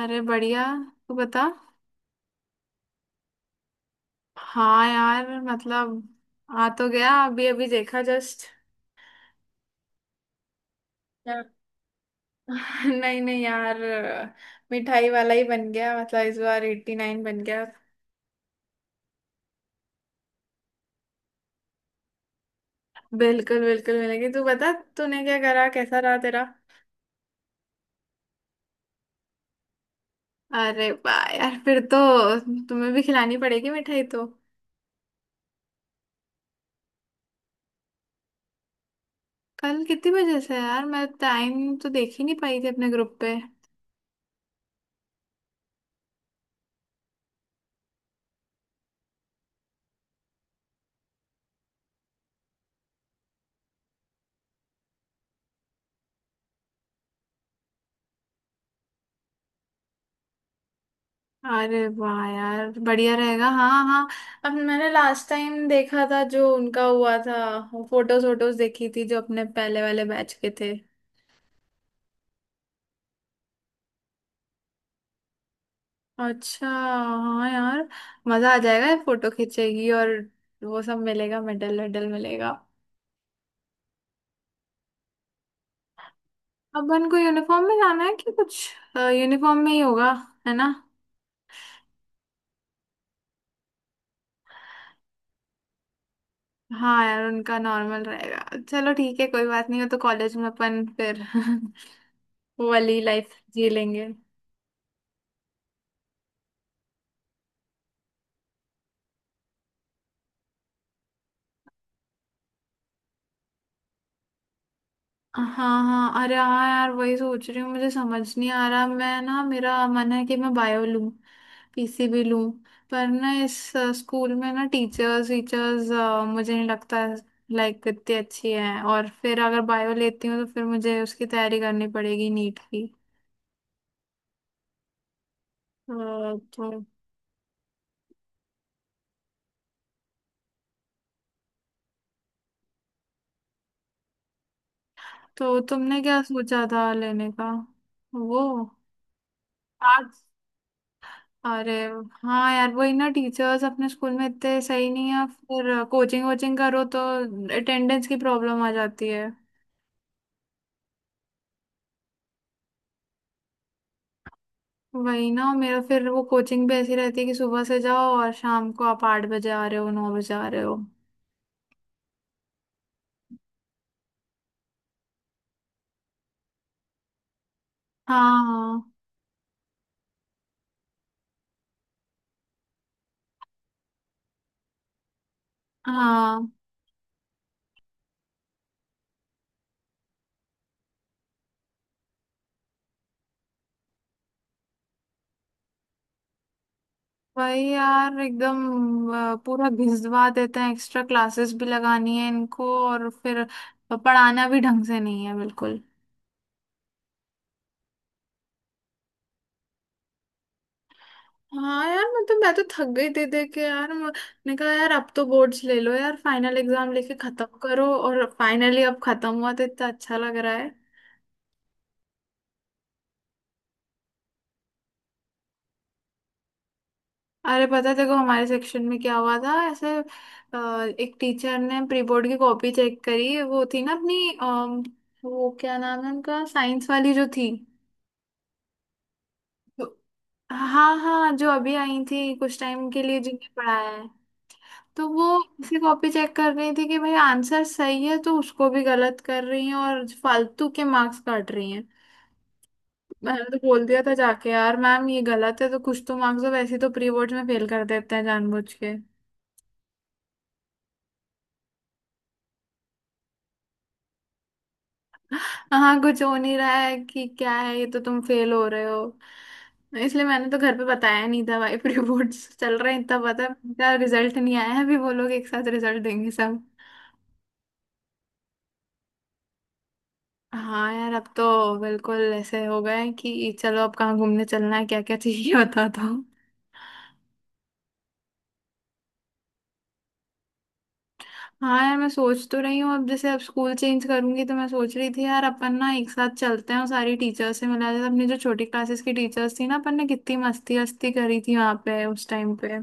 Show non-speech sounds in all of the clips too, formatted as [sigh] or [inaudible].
अरे बढ़िया। तू बता। हाँ यार मतलब आ तो गया, अभी अभी देखा जस्ट। [laughs] नहीं नहीं यार मिठाई वाला ही बन गया, मतलब इस बार 89 बन गया। बिल्कुल बिल्कुल मिलेगी। तू बता, तूने क्या करा, कैसा रहा तेरा। अरे वाह यार फिर तो तुम्हें भी खिलानी पड़ेगी मिठाई तो। कल कितने बजे से है यार? मैं टाइम तो देख ही नहीं पाई थी अपने ग्रुप पे। अरे वाह यार बढ़िया रहेगा, हाँ हाँ। अब मैंने लास्ट टाइम देखा था जो उनका हुआ था। फोटोज वोटोज देखी थी जो अपने पहले वाले बैच के थे। अच्छा हाँ यार, मजा आ जाएगा, फोटो खींचेगी और वो सब मिलेगा, मेडल वेडल मिलेगा। अपन को यूनिफॉर्म में जाना है कि कुछ? यूनिफॉर्म में ही होगा, है ना? हाँ यार उनका नॉर्मल रहेगा। चलो ठीक है, कोई बात नहीं। हो तो कॉलेज में अपन फिर [laughs] वो वाली लाइफ जी लेंगे। हाँ हाँ हाँ। अरे हाँ यार वही सोच रही हूँ, मुझे समझ नहीं आ रहा। मैं ना, मेरा मन है कि मैं बायो लूँ, पीसीबी लूँ। पर ना इस स्कूल में ना टीचर्स टीचर्स मुझे नहीं लगता लाइक इतनी अच्छी है। और फिर अगर बायो लेती हूँ तो फिर मुझे उसकी तैयारी करनी पड़ेगी नीट की। अ, तो तो तुमने क्या सोचा था लेने का? वो आर्ट्स। अरे हाँ यार, वही ना, टीचर्स अपने स्कूल में इतने सही नहीं है, फिर कोचिंग वोचिंग करो तो अटेंडेंस की प्रॉब्लम आ जाती है। वही ना मेरा, फिर वो कोचिंग भी ऐसी रहती है कि सुबह से जाओ और शाम को आप 8 बजे आ रहे हो, 9 बजे आ रहे हो। हाँ हाँ, वही यार एकदम। पूरा घिसवा देते हैं, एक्स्ट्रा क्लासेस भी लगानी है इनको और फिर पढ़ाना भी ढंग से नहीं है बिल्कुल। हाँ यार मतलब मैं तो थक गई दे दे के। यार मैंने कहा, यार अब तो बोर्ड्स ले लो यार, फाइनल एग्जाम लेके खत्म करो। और फाइनली अब खत्म हुआ तो इतना अच्छा लग रहा है। अरे पता है, देखो हमारे सेक्शन में क्या हुआ था ऐसे। एक टीचर ने प्री बोर्ड की कॉपी चेक करी। वो थी ना अपनी, वो क्या नाम है उनका, साइंस वाली जो थी। तो- हाँ हाँ, जो अभी आई थी कुछ टाइम के लिए जिनने पढ़ाया है। तो वो उसे कॉपी चेक कर रही थी कि भाई आंसर सही है तो उसको भी गलत कर रही है और फालतू के मार्क्स काट रही हैं। मैंने तो बोल दिया था जाके, यार मैम ये गलत है तो कुछ तो मार्क्स दो। वैसे ही तो प्री बोर्ड्स में फेल कर देते हैं जानबूझ के। हाँ, कुछ हो नहीं रहा है कि क्या है, ये तो तुम फेल हो रहे हो। इसलिए मैंने तो घर पे बताया नहीं था भाई। [laughs] प्री बोर्ड्स चल रहे हैं इतना पता है, रिजल्ट नहीं आया है अभी, वो लोग एक साथ रिजल्ट देंगे सब। हाँ यार अब तो बिल्कुल ऐसे हो गए हैं कि चलो अब कहाँ घूमने चलना है, क्या क्या चाहिए [laughs] बता दो। हाँ यार मैं सोच तो रही हूँ, अब जैसे अब स्कूल चेंज करूंगी तो मैं सोच रही थी यार अपन ना एक साथ चलते हैं और सारी टीचर्स से मिला जाए। अपनी जो छोटी क्लासेस की टीचर्स थी ना, अपन ने कितनी मस्ती मस्ती करी थी वहाँ पे उस टाइम पे।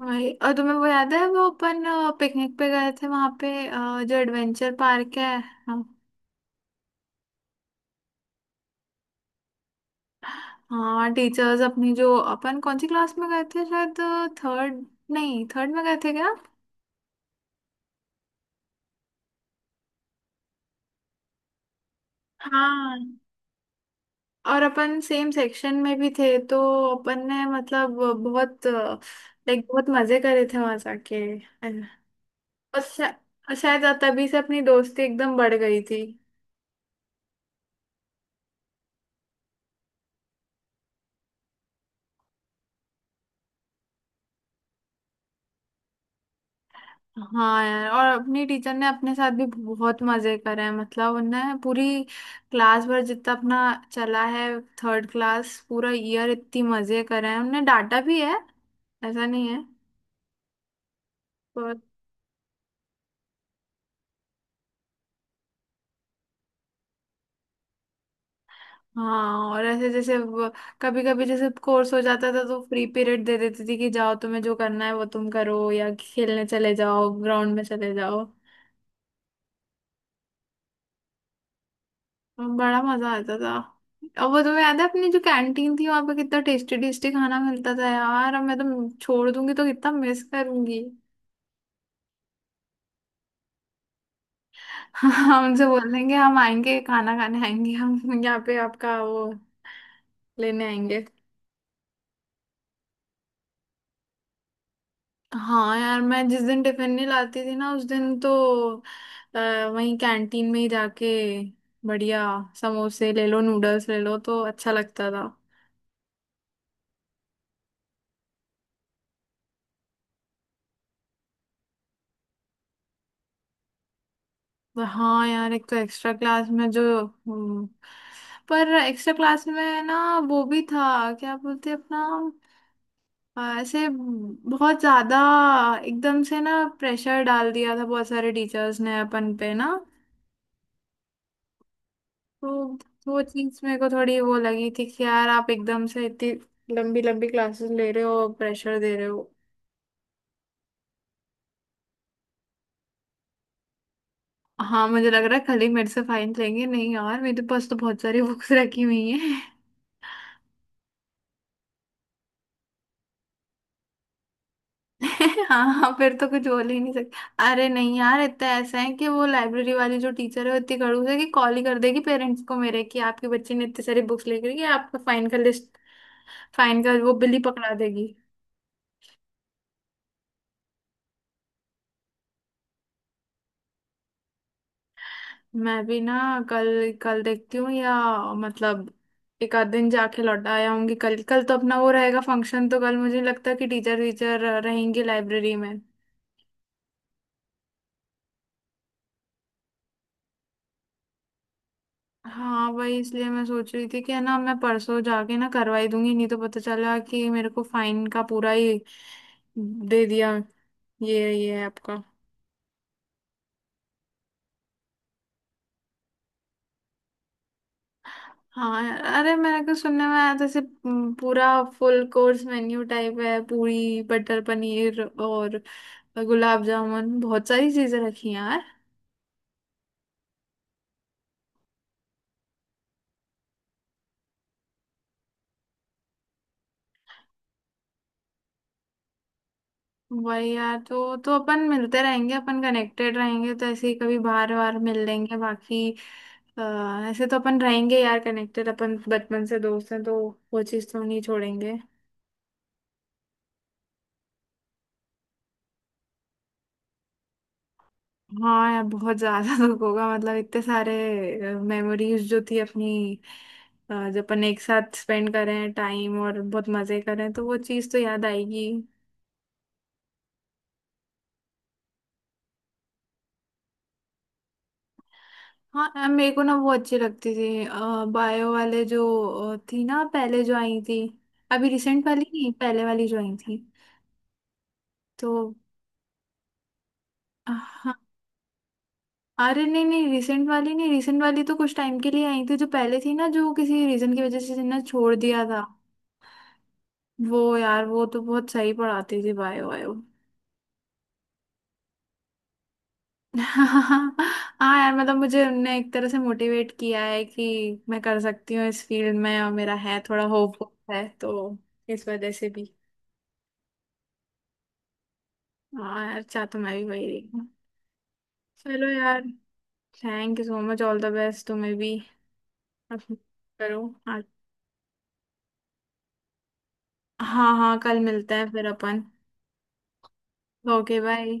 वही। और तुम्हें वो याद है, वो अपन पिकनिक पे गए थे वहाँ पे, जो एडवेंचर पार्क है। हाँ टीचर्स अपनी जो, अपन कौन सी क्लास में गए थे, शायद थर्ड? नहीं थर्ड में गए थे क्या? हाँ, और अपन सेम सेक्शन में भी थे तो अपन ने मतलब बहुत लाइक बहुत मजे करे थे वहां जाके। और और शायद तभी से अपनी दोस्ती एकदम बढ़ गई थी। हाँ यार, और अपनी टीचर ने अपने साथ भी बहुत मजे करे हैं, मतलब उन्हें पूरी क्लास भर जितना अपना चला है। थर्ड क्लास पूरा ईयर इतनी मजे करे हैं, उन्हें डांटा भी है ऐसा नहीं है पर। हाँ और ऐसे जैसे कभी कभी जैसे कोर्स हो जाता था तो फ्री पीरियड दे देती थी कि जाओ, तुम्हें जो करना है वो तुम करो, या खेलने चले जाओ, ग्राउंड में चले जाओ। तो बड़ा मजा आता था। अब वो तुम्हें याद है अपनी जो कैंटीन थी, वहां पे कितना टेस्टी टेस्टी खाना मिलता था यार। अब मैं तो छोड़ दूंगी तो कितना मिस करूंगी। [laughs] हम उनसे बोल देंगे, हम आएंगे खाना खाने आएंगे, हम यहाँ पे आपका वो लेने आएंगे। हाँ यार, मैं जिस दिन टिफिन नहीं लाती थी ना उस दिन तो अ, वहीं कैंटीन में ही जाके बढ़िया समोसे ले लो, नूडल्स ले लो, तो अच्छा लगता था। तो हाँ यार एक तो एक्स्ट्रा क्लास में जो, हम्म, पर एक्स्ट्रा क्लास में ना वो भी था, क्या बोलते हैं अपना, ऐसे बहुत ज्यादा एकदम से ना प्रेशर डाल दिया था बहुत सारे टीचर्स ने अपन पे ना। तो वो चीज मेरे को थोड़ी वो लगी थी कि यार आप एकदम से इतनी लंबी लंबी क्लासेस ले रहे हो, प्रेशर दे रहे हो। हाँ मुझे लग रहा है खाली मेरे से फाइन लेंगे। नहीं यार मेरे पास तो बहुत सारी बुक्स रखी हुई है। [laughs] हाँ हाँ, फिर तो कुछ बोल ही नहीं सकते। अरे नहीं यार, इतना ऐसा है कि वो लाइब्रेरी वाली जो टीचर है वो इतनी खड़ूस है कि कॉल ही कर देगी पेरेंट्स को मेरे, कि आपके बच्चे ने इतने सारी बुक्स लेकर कि आपका फाइन का लिस्ट, फाइन का वो बिल ही पकड़ा देगी। मैं भी ना कल, कल देखती हूँ या मतलब एक आध दिन जाके लौटा आया हूँगी। कल, कल तो अपना वो रहेगा फंक्शन, तो कल मुझे नहीं लगता कि टीचर टीचर रहेंगे लाइब्रेरी में। हाँ वही, इसलिए मैं सोच रही थी कि है ना, मैं परसों जाके ना करवाई दूंगी। नहीं तो पता चला कि मेरे को फाइन का पूरा ही दे दिया, ये है आपका। हाँ यार, अरे मेरे को सुनने में आया था जैसे पूरा फुल कोर्स मेन्यू टाइप है, पूरी बटर पनीर और गुलाब जामुन, बहुत सारी चीजें रखी हैं यार। वही यार, तो अपन मिलते रहेंगे, अपन कनेक्टेड रहेंगे तो ऐसे ही कभी बार बार मिल लेंगे बाकी। अ, ऐसे तो अपन रहेंगे यार कनेक्टेड, अपन बचपन से दोस्त हैं तो वो चीज़ तो नहीं छोड़ेंगे। हाँ यार बहुत ज्यादा [laughs] दुख होगा, मतलब इतने सारे मेमोरीज जो थी अपनी, जो अपन एक साथ स्पेंड करें टाइम और बहुत मजे करें, तो वो चीज़ तो याद आएगी। हाँ, मेरे को ना वो अच्छी लगती थी, बायो वाले जो थी ना पहले जो आई थी। अभी रिसेंट वाली नहीं, पहले वाली जो आई थी। तो हाँ। अरे नहीं नहीं, रिसेंट वाली नहीं, रिसेंट वाली तो कुछ टाइम के लिए आई थी, जो पहले थी ना जो किसी रीजन की वजह से ना छोड़ दिया था। वो यार वो तो बहुत सही पढ़ाती थी बायो वायो। [laughs] हाँ यार मतलब मुझे उनने एक तरह से मोटिवेट किया है कि मैं कर सकती हूँ इस फील्ड में, और मेरा है थोड़ा होप, है तो इस वजह से भी। हाँ यार चाह तो मैं भी वही रही हूँ। चलो यार। Thank you so much, all the best तुम्हें भी। अब करो। हाँ हाँ हाँ, कल मिलते हैं फिर अपन। Okay bye.